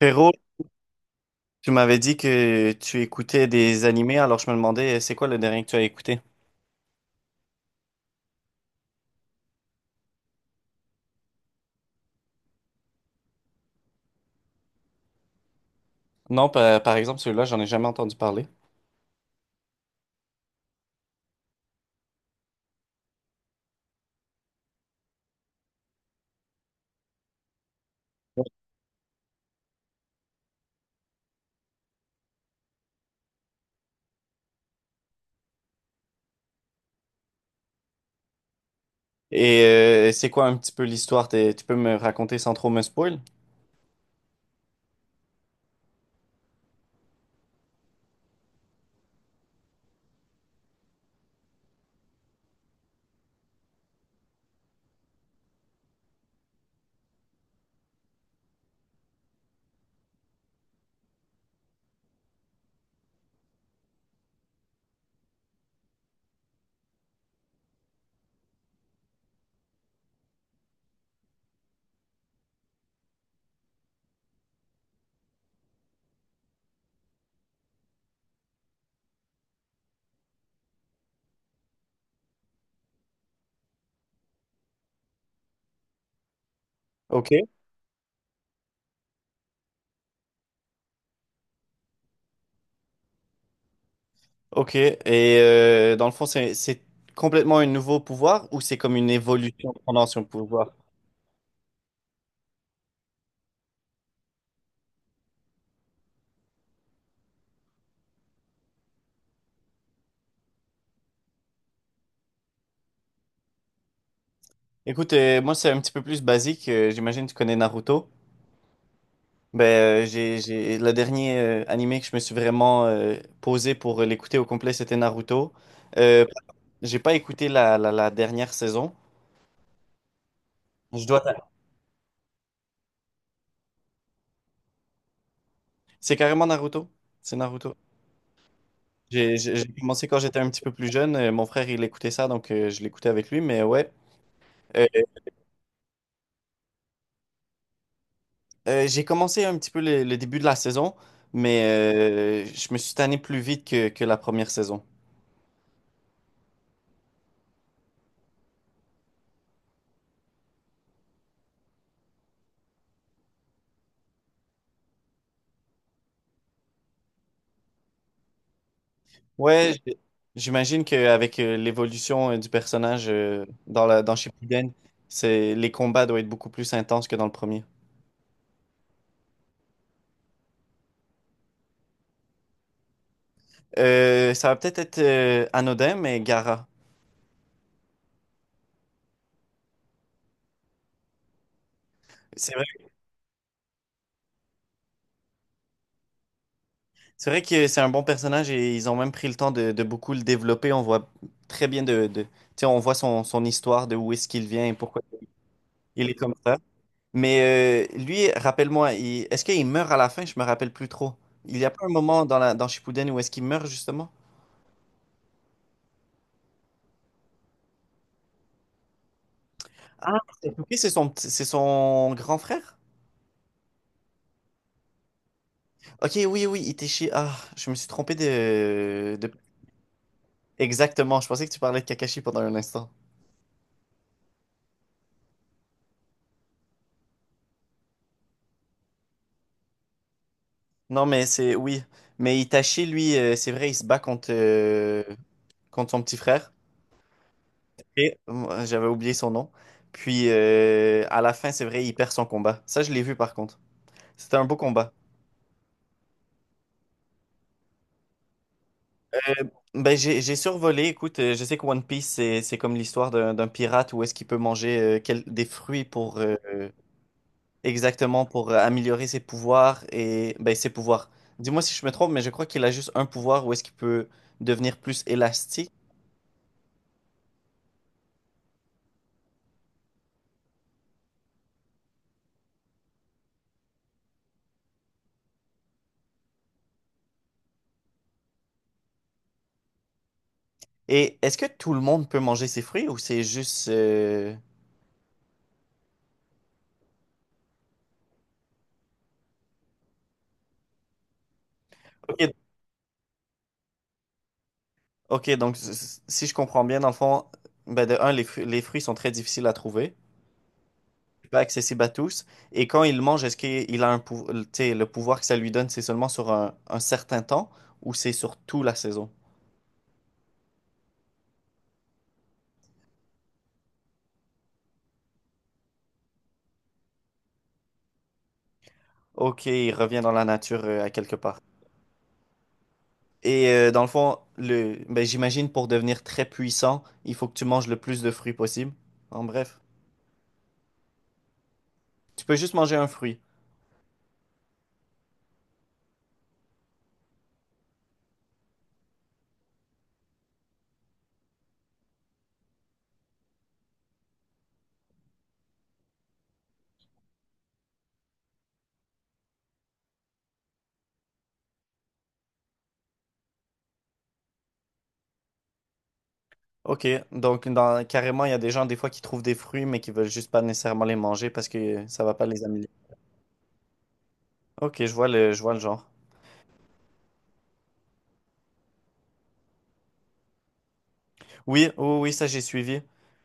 Frérot, tu m'avais dit que tu écoutais des animés, alors je me demandais, c'est quoi le dernier que tu as écouté? Non, par exemple, celui-là, j'en ai jamais entendu parler. Et c'est quoi un petit peu l'histoire? Tu peux me raconter sans trop me spoil? Ok. Ok. Et dans le fond, c'est complètement un nouveau pouvoir ou c'est comme une évolution pendant son pouvoir? Écoute, moi, c'est un petit peu plus basique. J'imagine que tu connais Naruto. Ben, j'ai le dernier animé que je me suis vraiment posé pour l'écouter au complet, c'était Naruto. Euh, J'ai pas écouté la dernière saison. Je dois. C'est carrément Naruto. C'est Naruto. J'ai commencé quand j'étais un petit peu plus jeune. Mon frère, il écoutait ça, donc je l'écoutais avec lui. Mais ouais, Euh, j'ai commencé un petit peu le début de la saison, mais je me suis tanné plus vite que la première saison. Ouais, j'imagine qu'avec l'évolution du personnage dans Shippuden, c'est, les combats doivent être beaucoup plus intenses que dans le premier. Ça va peut-être être, anodin, mais gara. C'est C'est vrai que c'est un bon personnage et ils ont même pris le temps de beaucoup le développer. On voit très bien tu sais, on voit son histoire de où est-ce qu'il vient et pourquoi il est comme ça. Mais lui, rappelle-moi, est-ce qu'il meurt à la fin? Je me rappelle plus trop. Il y a pas un moment dans Shippuden où est-ce qu'il meurt justement? Ah, Sasuke, c'est son, c'est son grand frère? Ok, oui, oui, Itachi. Ah, je me suis trompé de... Exactement, je pensais que tu parlais de Kakashi pendant un instant. Non, mais c'est... Oui. Mais Itachi, lui, c'est vrai, il se bat contre... contre son petit frère. Et j'avais oublié son nom. Puis à la fin, c'est vrai, il perd son combat. Ça, je l'ai vu par contre. C'était un beau combat. Euh, ben, j'ai survolé. Écoute, je sais que One Piece, c'est comme l'histoire d'un pirate où est-ce qu'il peut manger des fruits pour exactement pour améliorer ses pouvoirs et ben, ses pouvoirs. Dis-moi si je me trompe, mais je crois qu'il a juste un pouvoir où est-ce qu'il peut devenir plus élastique. Et est-ce que tout le monde peut manger ses fruits ou c'est juste... Ok, ok, donc si je comprends bien, dans le fond, ben de un, les fruits sont très difficiles à trouver, pas accessibles à tous. Et quand il mange, est-ce qu'il a un tu sais, le pouvoir que ça lui donne, c'est seulement sur un certain temps ou c'est sur toute la saison? Ok, il revient dans la nature à quelque part. Et dans le fond, le, ben, j'imagine pour devenir très puissant, il faut que tu manges le plus de fruits possible. En bref, tu peux juste manger un fruit. Ok, donc carrément, il y a des gens des fois qui trouvent des fruits mais qui veulent juste pas nécessairement les manger parce que ça va pas les améliorer. Ok, je vois le genre. Oui, oui, oui, ça j'ai suivi.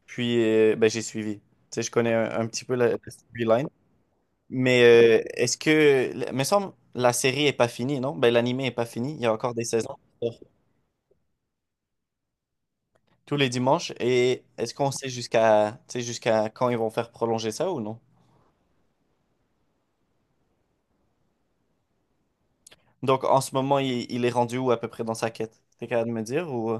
Puis, ben, j'ai suivi. Tu sais, je connais un petit peu la storyline. Mais est-ce que, il me semble, la série est pas finie, non? Ben, l'anime est pas fini. Il y a encore des saisons qui sortent tous les dimanches. Et est-ce qu'on sait jusqu'à, tu sais, jusqu'à quand ils vont faire prolonger ça ou non? Donc, en ce moment, il est rendu où à peu près dans sa quête? T'es capable de me dire ou... euh?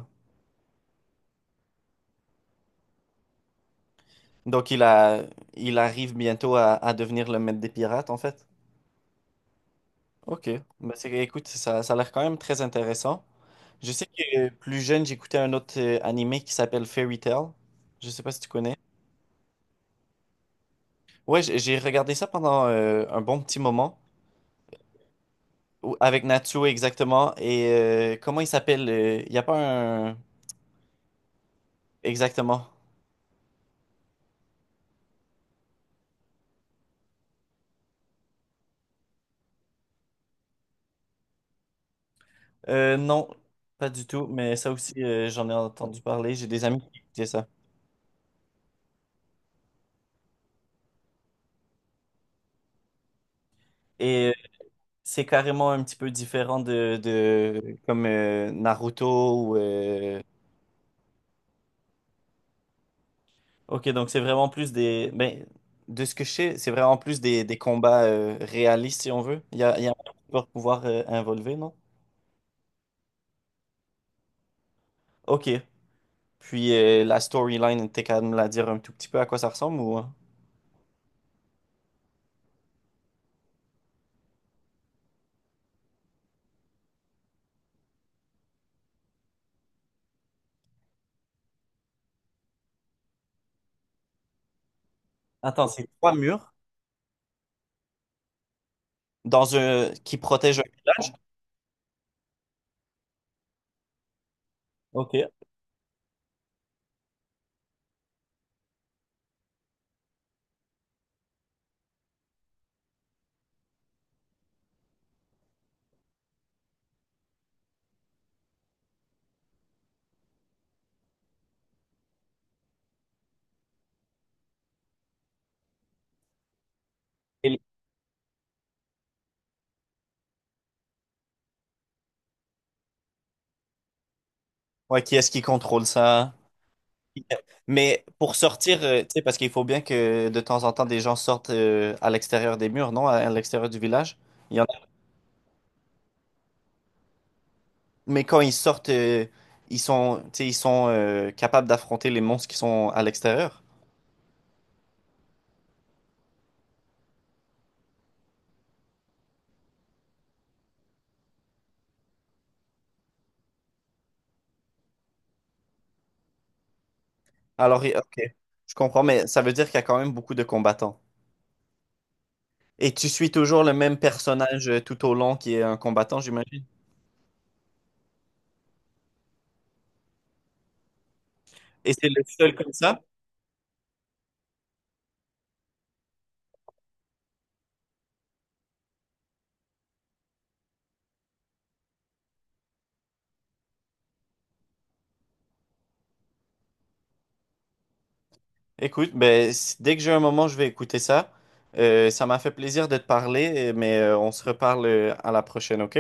Donc, il a, il arrive bientôt à devenir le maître des pirates, en fait. Ok, ben, écoute, ça a l'air quand même très intéressant. Je sais que plus jeune, j'écoutais un autre animé qui s'appelle Fairy Tail. Je sais pas si tu connais. Ouais, j'ai regardé ça pendant un bon petit moment, avec Natsuo exactement. Et comment il s'appelle? Il n'y a pas un... Exactement. Non, pas du tout, mais ça aussi, j'en ai entendu parler. J'ai des amis qui écoutaient ça. Et c'est carrément un petit peu différent de comme Naruto ou... Ok, donc c'est vraiment plus des... Ben, de ce que je sais, c'est vraiment plus des combats réalistes, si on veut. Il y a un super pouvoir involver, non? Ok. Puis la storyline, t'es capable de me la dire un tout petit peu à quoi ça ressemble ou... hein? Attends, c'est trois murs dans un... qui protègent... Ok. Et- Ouais, qui est-ce qui contrôle ça? Mais pour sortir, tu sais, parce qu'il faut bien que de temps en temps, des gens sortent à l'extérieur des murs, non? À l'extérieur du village. Mais quand ils sortent, ils sont, tu sais, ils sont capables d'affronter les monstres qui sont à l'extérieur. Alors, ok, je comprends, mais ça veut dire qu'il y a quand même beaucoup de combattants. Et tu suis toujours le même personnage tout au long qui est un combattant, j'imagine. Et c'est le seul comme ça? Écoute, ben, dès que j'ai un moment, je vais écouter ça. Ça m'a fait plaisir de te parler, mais on se reparle à la prochaine, ok?